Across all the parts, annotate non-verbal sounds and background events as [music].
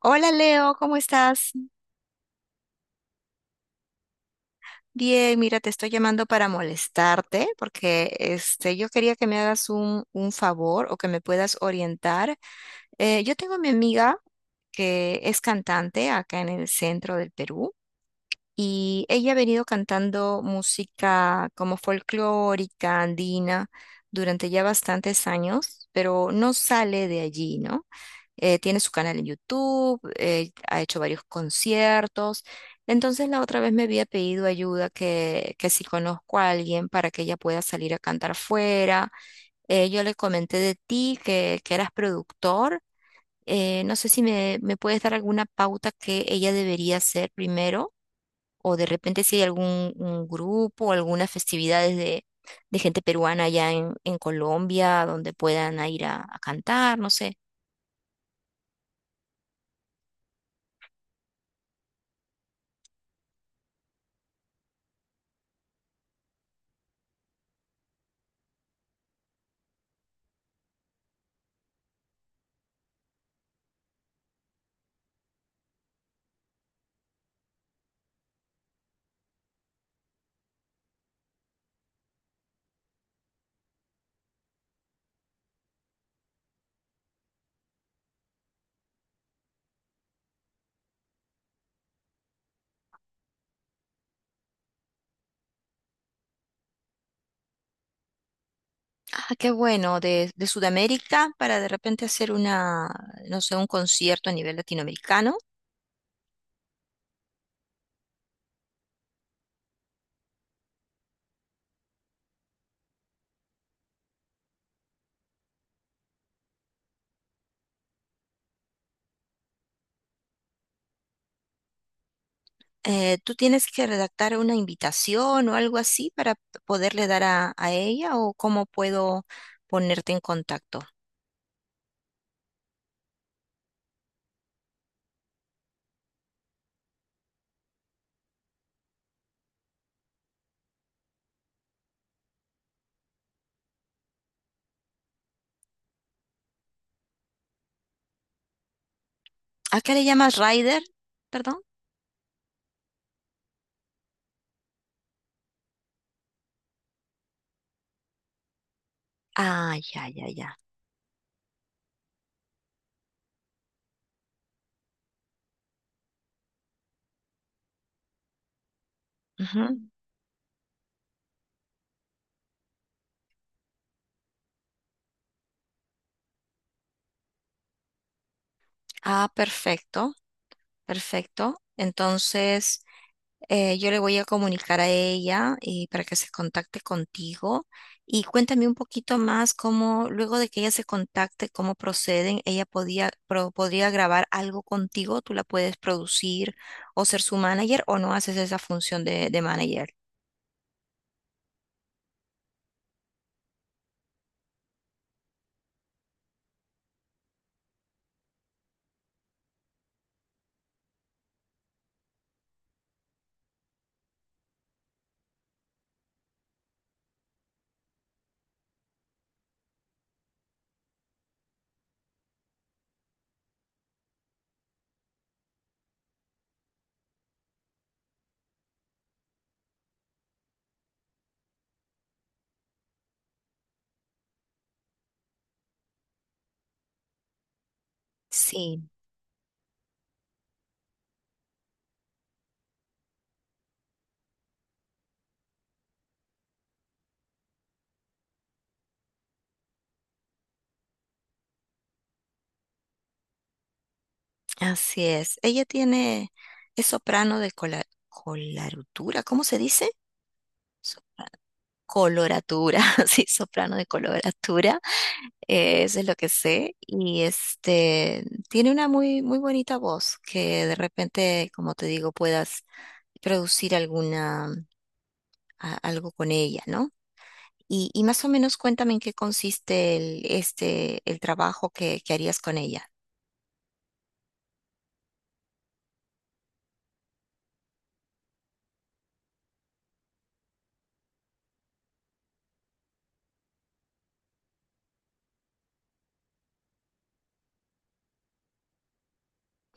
Hola Leo, ¿cómo estás? Bien, mira, te estoy llamando para molestarte porque yo quería que me hagas un favor o que me puedas orientar. Yo tengo a mi amiga que es cantante acá en el centro del Perú y ella ha venido cantando música como folclórica, andina, durante ya bastantes años, pero no sale de allí, ¿no? Tiene su canal en YouTube. Eh, ha hecho varios conciertos. Entonces la otra vez me había pedido ayuda que si conozco a alguien para que ella pueda salir a cantar fuera. Yo le comenté de ti que eras productor. No sé si me puedes dar alguna pauta que ella debería hacer primero, o de repente si hay algún un grupo o algunas festividades de gente peruana allá en Colombia donde puedan ir a cantar, no sé. Ah, qué bueno, de Sudamérica para de repente hacer una, no sé, un concierto a nivel latinoamericano. ¿tú tienes que redactar una invitación o algo así para poderle dar a ella, o cómo puedo ponerte en contacto? ¿A qué le llamas rider? Perdón. Ah, ya, ya, ya. Ujú. Ah, perfecto, perfecto. Entonces, yo le voy a comunicar a ella, para que se contacte contigo, y cuéntame un poquito más cómo, luego de que ella se contacte, cómo proceden. Ella podía, podría grabar algo contigo, tú la puedes producir o ser su manager, o no haces esa función de manager. Sí, así es. Ella tiene, es soprano de cola, colarutura, ¿cómo se dice? Coloratura, [laughs] sí, soprano de coloratura. Eso es lo que sé. Y tiene una muy, muy bonita voz que de repente, como te digo, puedas producir alguna, algo con ella, ¿no? Y más o menos cuéntame en qué consiste el trabajo que harías con ella.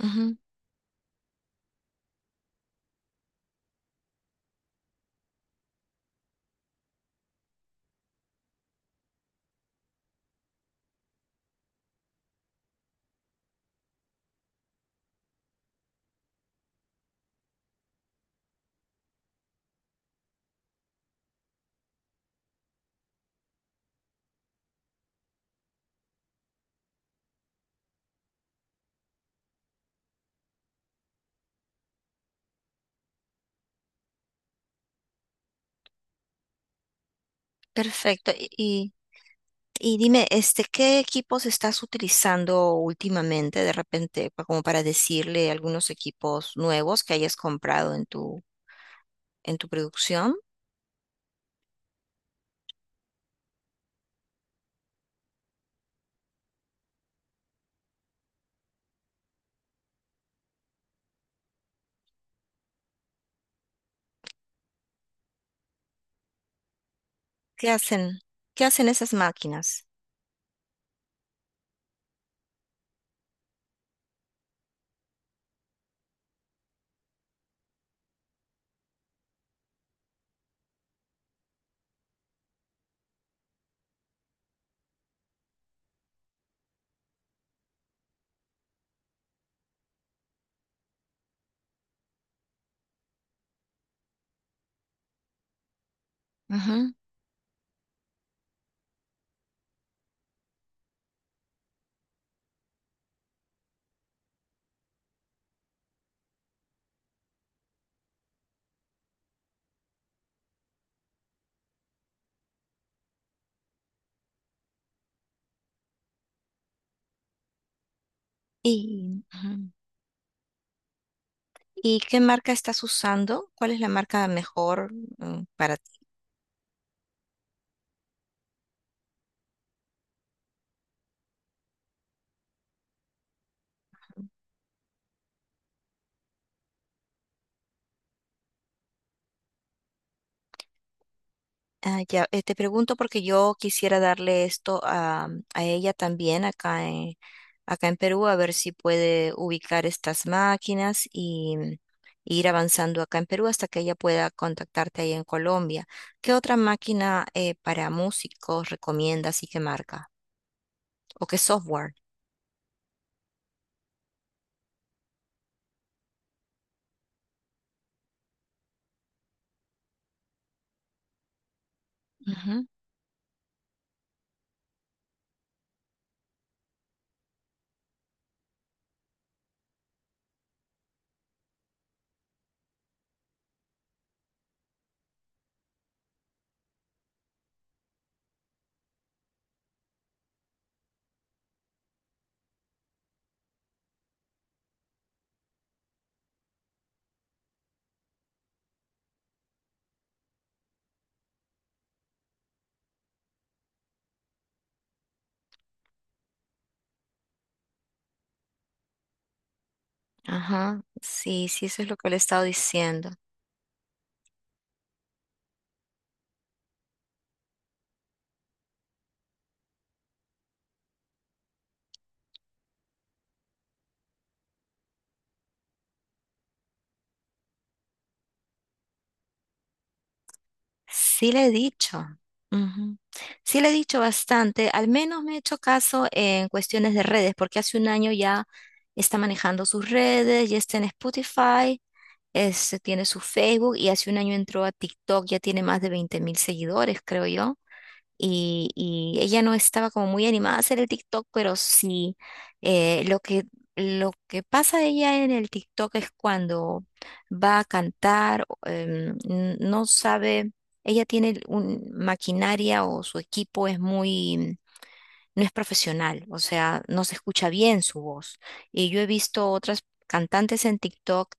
Ujú. Perfecto. Y dime, ¿qué equipos estás utilizando últimamente de repente, como para decirle algunos equipos nuevos que hayas comprado en tu producción? ¿Qué hacen? ¿Qué hacen esas máquinas? Ujú. Y, ujú. ¿Y qué marca estás usando? ¿Cuál es la marca mejor, para… Ah, ya. Te pregunto porque yo quisiera darle esto a ella también acá en Perú, a ver si puede ubicar estas máquinas y ir avanzando acá en Perú hasta que ella pueda contactarte ahí en Colombia. ¿Qué otra máquina para músicos recomiendas y qué marca? ¿O qué software? Ujú. Ajá, sí, sí, eso es lo que le he estado diciendo. Sí le he dicho. Ujú. Sí le he dicho bastante. Al menos me he hecho caso en cuestiones de redes, porque hace un año ya está manejando sus redes, ya está en Spotify, tiene su Facebook, y hace un año entró a TikTok, ya tiene más de 20,000 seguidores, creo yo. Y, y ella no estaba como muy animada a hacer el TikTok, pero sí. eh, lo que, lo que pasa de ella en el TikTok es cuando va a cantar, o, no sabe, ella tiene un maquinaria, o su equipo es muy… no es profesional, o sea, no se escucha bien su voz. Y yo he visto otras cantantes en TikTok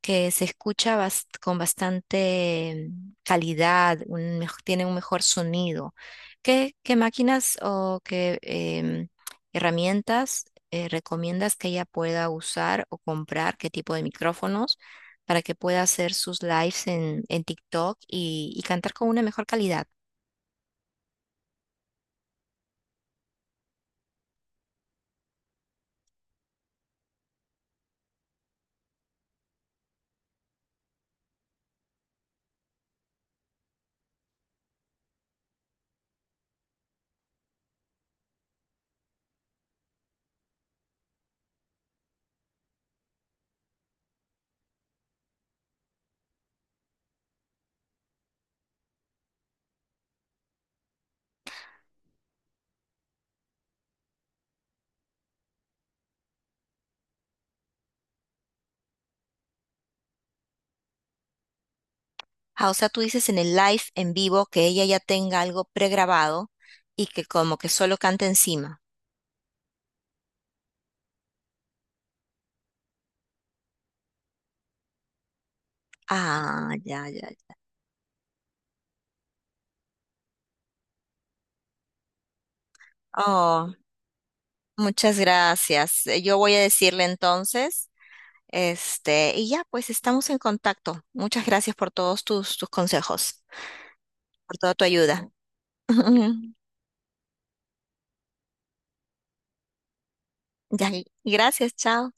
que se escucha con bastante calidad, un tiene un mejor sonido. ¿ qué máquinas o qué herramientas recomiendas que ella pueda usar o comprar? ¿Qué tipo de micrófonos para que pueda hacer sus lives en TikTok, y cantar con una mejor calidad? Ah, o sea, tú dices en el live en vivo que ella ya tenga algo pregrabado, y que como que solo cante encima. Ah, ya, ya, ya. Oh, muchas gracias. Yo voy a decirle entonces, y ya, pues estamos en contacto. Muchas gracias por todos tus consejos, por toda tu ayuda. [laughs] Ya, gracias, chao.